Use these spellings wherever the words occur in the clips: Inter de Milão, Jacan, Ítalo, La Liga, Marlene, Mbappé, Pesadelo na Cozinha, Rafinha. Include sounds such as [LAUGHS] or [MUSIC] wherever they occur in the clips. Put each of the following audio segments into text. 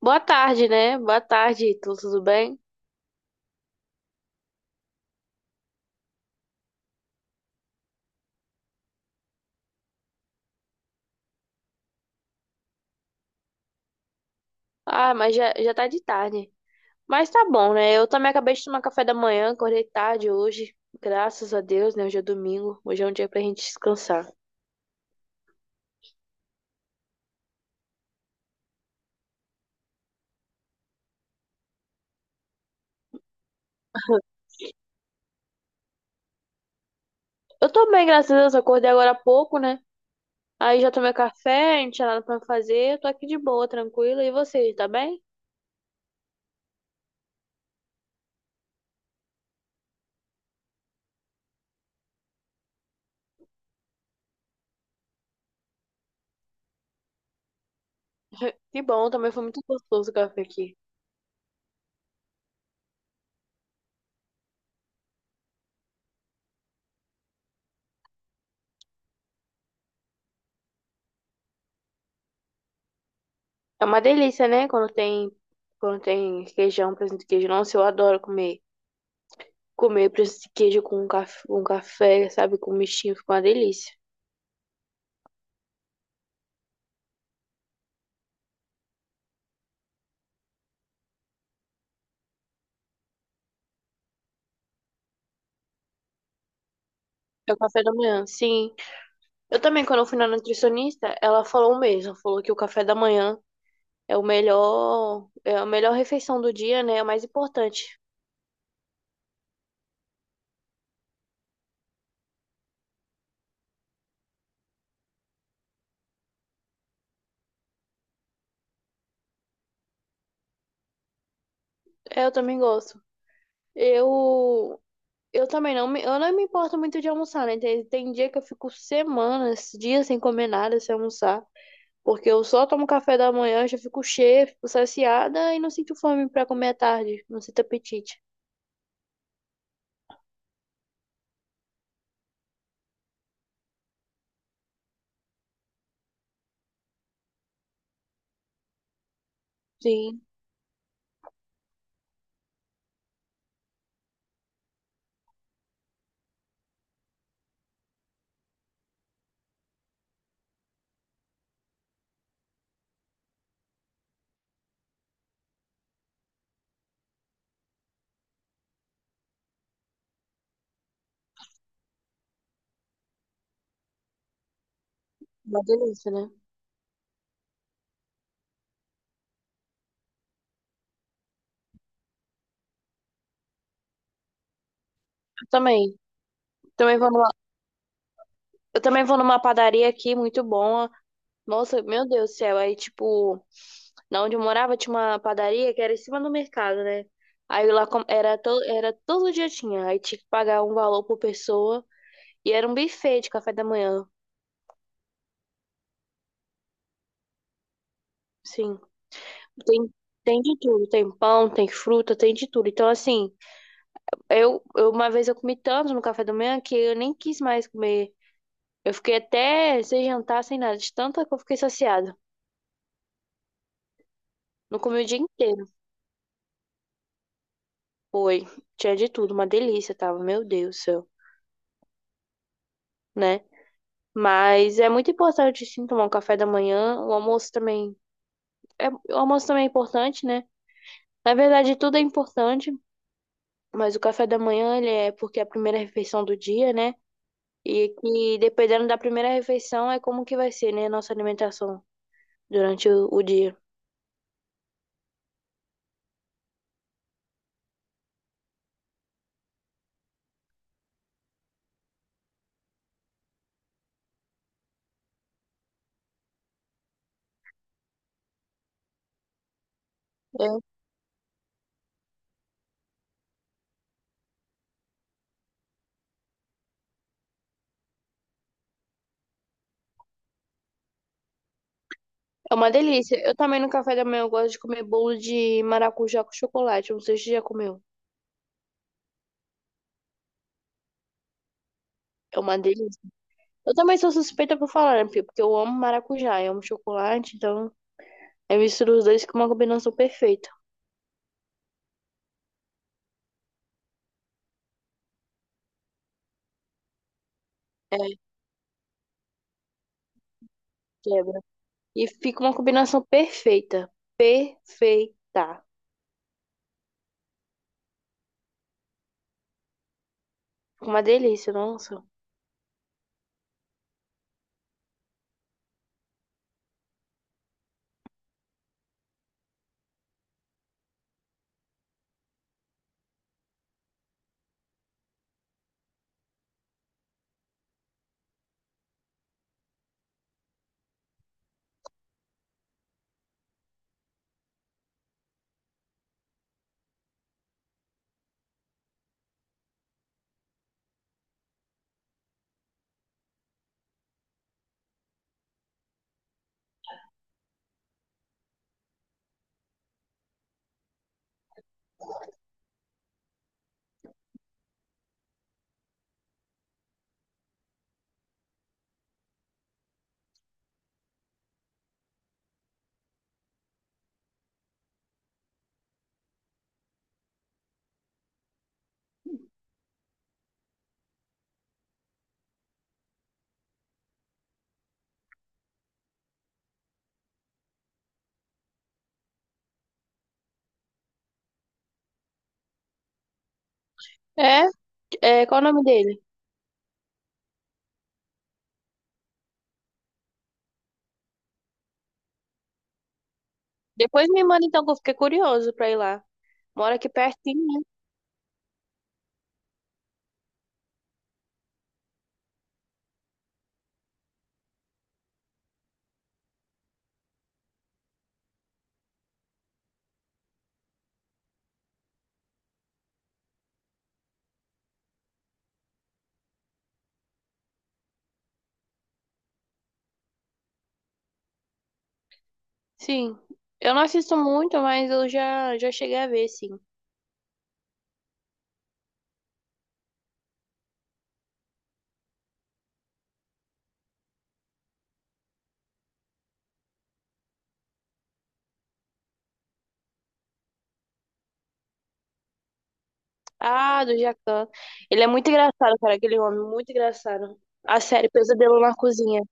Boa tarde, né? Boa tarde, tudo bem? Ah, mas já tá de tarde. Mas tá bom, né? Eu também acabei de tomar café da manhã, acordei tarde hoje. Graças a Deus, né? Hoje é domingo. Hoje é um dia pra gente descansar. Eu tô bem, graças a Deus. Acordei agora há pouco, né? Aí já tomei café, não tinha nada pra fazer. Eu tô aqui de boa, tranquila. E você, tá bem? [LAUGHS] Que bom, também foi muito gostoso o café aqui. É uma delícia, né? Quando tem queijão, presunto e queijo. Nossa, eu adoro comer. Comer presunto de queijo com café, sabe? Com mexinho, fica uma delícia. É o café da manhã, sim. Eu também, quando eu fui na nutricionista, ela falou o mesmo. Falou que o café da manhã é o melhor, é a melhor refeição do dia, né? É o mais importante. É, eu também gosto. Eu, eu também não me, eu não me importo muito de almoçar, né? Tem dia que eu fico semanas, dias sem comer nada, sem almoçar. Porque eu só tomo café da manhã, já fico cheia, fico saciada e não sinto fome pra comer à tarde. Não sinto apetite. Sim, uma delícia, né? Eu também. Também vou numa, eu também vou numa padaria aqui, muito boa. Nossa, meu Deus do céu. Aí, tipo, na onde eu morava tinha uma padaria que era em cima do mercado, né? Aí lá era, era todo dia tinha. Aí tinha que pagar um valor por pessoa. E era um buffet de café da manhã. Sim. Tem, tem de tudo. Tem pão, tem fruta, tem de tudo. Então, assim, eu uma vez eu comi tanto no café da manhã que eu nem quis mais comer. Eu fiquei até sem jantar, sem nada, de tanto que eu fiquei saciada. Não comi o dia inteiro, foi. Tinha de tudo, uma delícia, tava, meu Deus do céu, né? Mas é muito importante sim tomar um café da manhã, o almoço também. É, o almoço também é importante, né? Na verdade, tudo é importante, mas o café da manhã, ele é porque é a primeira refeição do dia, né? E que dependendo da primeira refeição, é como que vai ser, né, a nossa alimentação durante o dia. É é uma delícia. Eu também no café da manhã eu gosto de comer bolo de maracujá com chocolate. Não sei se você já comeu. É uma delícia. Eu também sou suspeita por falar, né, Pio? Porque eu amo maracujá, eu amo chocolate, então eu misturo os dois com uma combinação perfeita. É, quebra. E fica uma combinação perfeita. Perfeita. Fica uma delícia, nossa. É, qual o nome dele? Depois me manda então, que eu fiquei curioso pra ir lá. Mora aqui pertinho, né? Sim. Eu não assisto muito, mas eu já cheguei a ver, sim. Ah, do Jacan. Ele é muito engraçado, cara, aquele homem, muito engraçado. A série Pesadelo na Cozinha.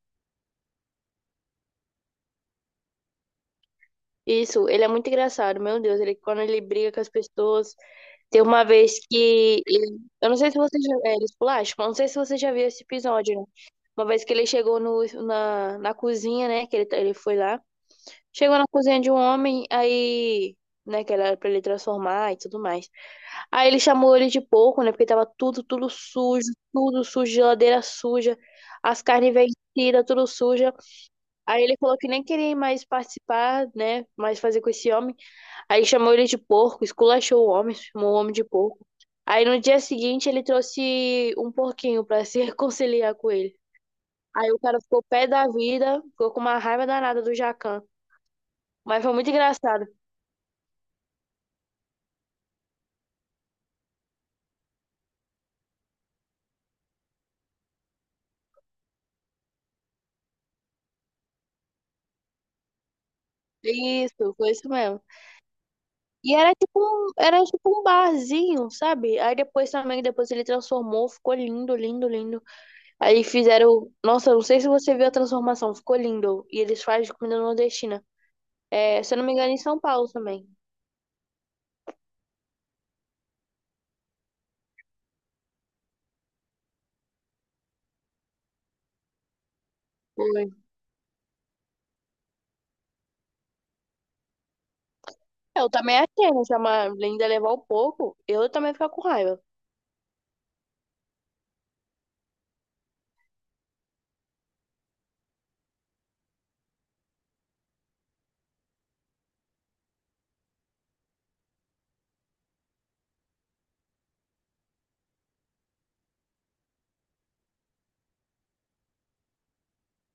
Isso, ele é muito engraçado, meu Deus, ele quando ele briga com as pessoas, tem uma vez eu não sei se você já é, ele esculacha, eu não sei se você já viu esse episódio, né? Uma vez que ele chegou no, na, na cozinha, né, que ele foi lá, chegou na cozinha de um homem, aí, né, que era pra ele transformar e tudo mais. Aí ele chamou ele de porco, né, porque tava tudo, tudo sujo, geladeira suja, as carnes vencidas, tudo suja. Aí ele falou que nem queria mais participar, né, mais fazer com esse homem. Aí chamou ele de porco, esculachou o homem, chamou o homem de porco. Aí no dia seguinte ele trouxe um porquinho pra se [LAUGHS] reconciliar com ele. Aí o cara ficou pé da vida, ficou com uma raiva danada do Jacan. Mas foi muito engraçado. Isso, foi isso mesmo. E era tipo um barzinho, sabe? Aí depois também, depois ele transformou, ficou lindo, lindo, lindo. Aí fizeram, nossa, não sei se você viu a transformação, ficou lindo. E eles fazem comida nordestina. É, se eu não me engano, em São Paulo também. Foi. Eu também achei, né? Se a Marlene levar um pouco, eu também ia ficar com raiva.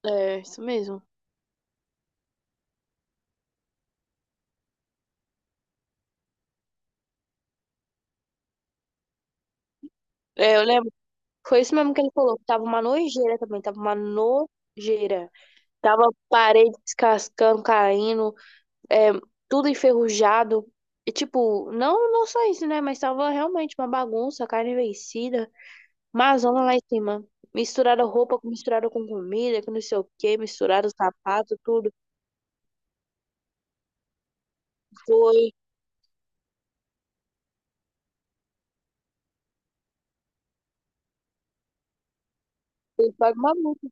É, isso mesmo. É, eu lembro. Foi isso mesmo que ele falou, que tava uma nojeira também, tava uma nojeira. Tava parede descascando, caindo, é, tudo enferrujado. E, tipo, não, não só isso, né? Mas tava realmente uma bagunça, carne vencida, uma zona lá em cima. Misturaram roupa, misturaram com comida, que não sei o quê, misturaram sapato, tudo. Foi, foi uma bagunça.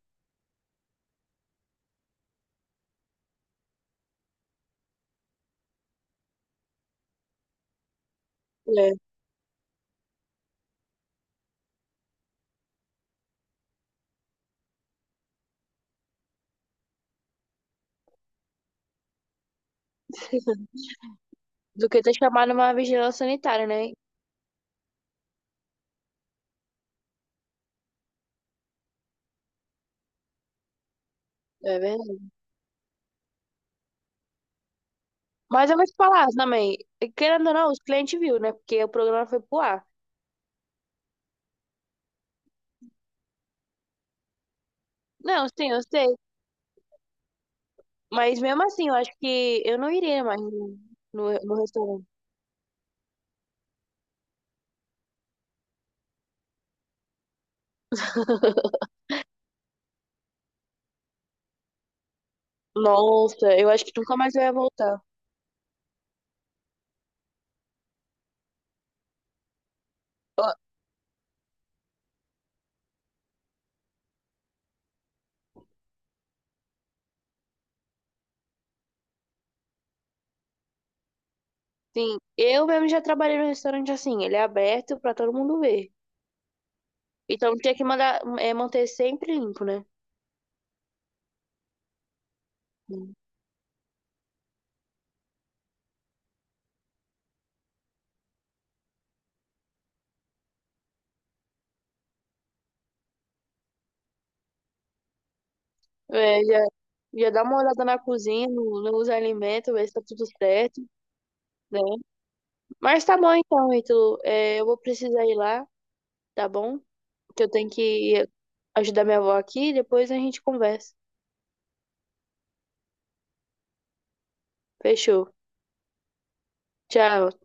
É. Do que ter chamado uma vigilância sanitária, né? É verdade. Mas eu vou te falar também, querendo ou não, os clientes viu, né? Porque o programa foi pro ar. Não, sim, eu sei. Mas mesmo assim, eu acho que eu não iria mais no restaurante. [LAUGHS] Nossa, eu acho que nunca mais eu ia voltar. Ó, sim, eu mesmo já trabalhei no restaurante assim, ele é aberto pra todo mundo ver. Então tinha que mandar, é, manter sempre limpo, né? É, já, já dá uma olhada na cozinha, nos alimentos, ver se tá tudo certo. Né? Mas tá bom então, Ítalo. É, eu vou precisar ir lá, tá bom? Que eu tenho que ajudar minha avó aqui e depois a gente conversa. Fechou. Tchau.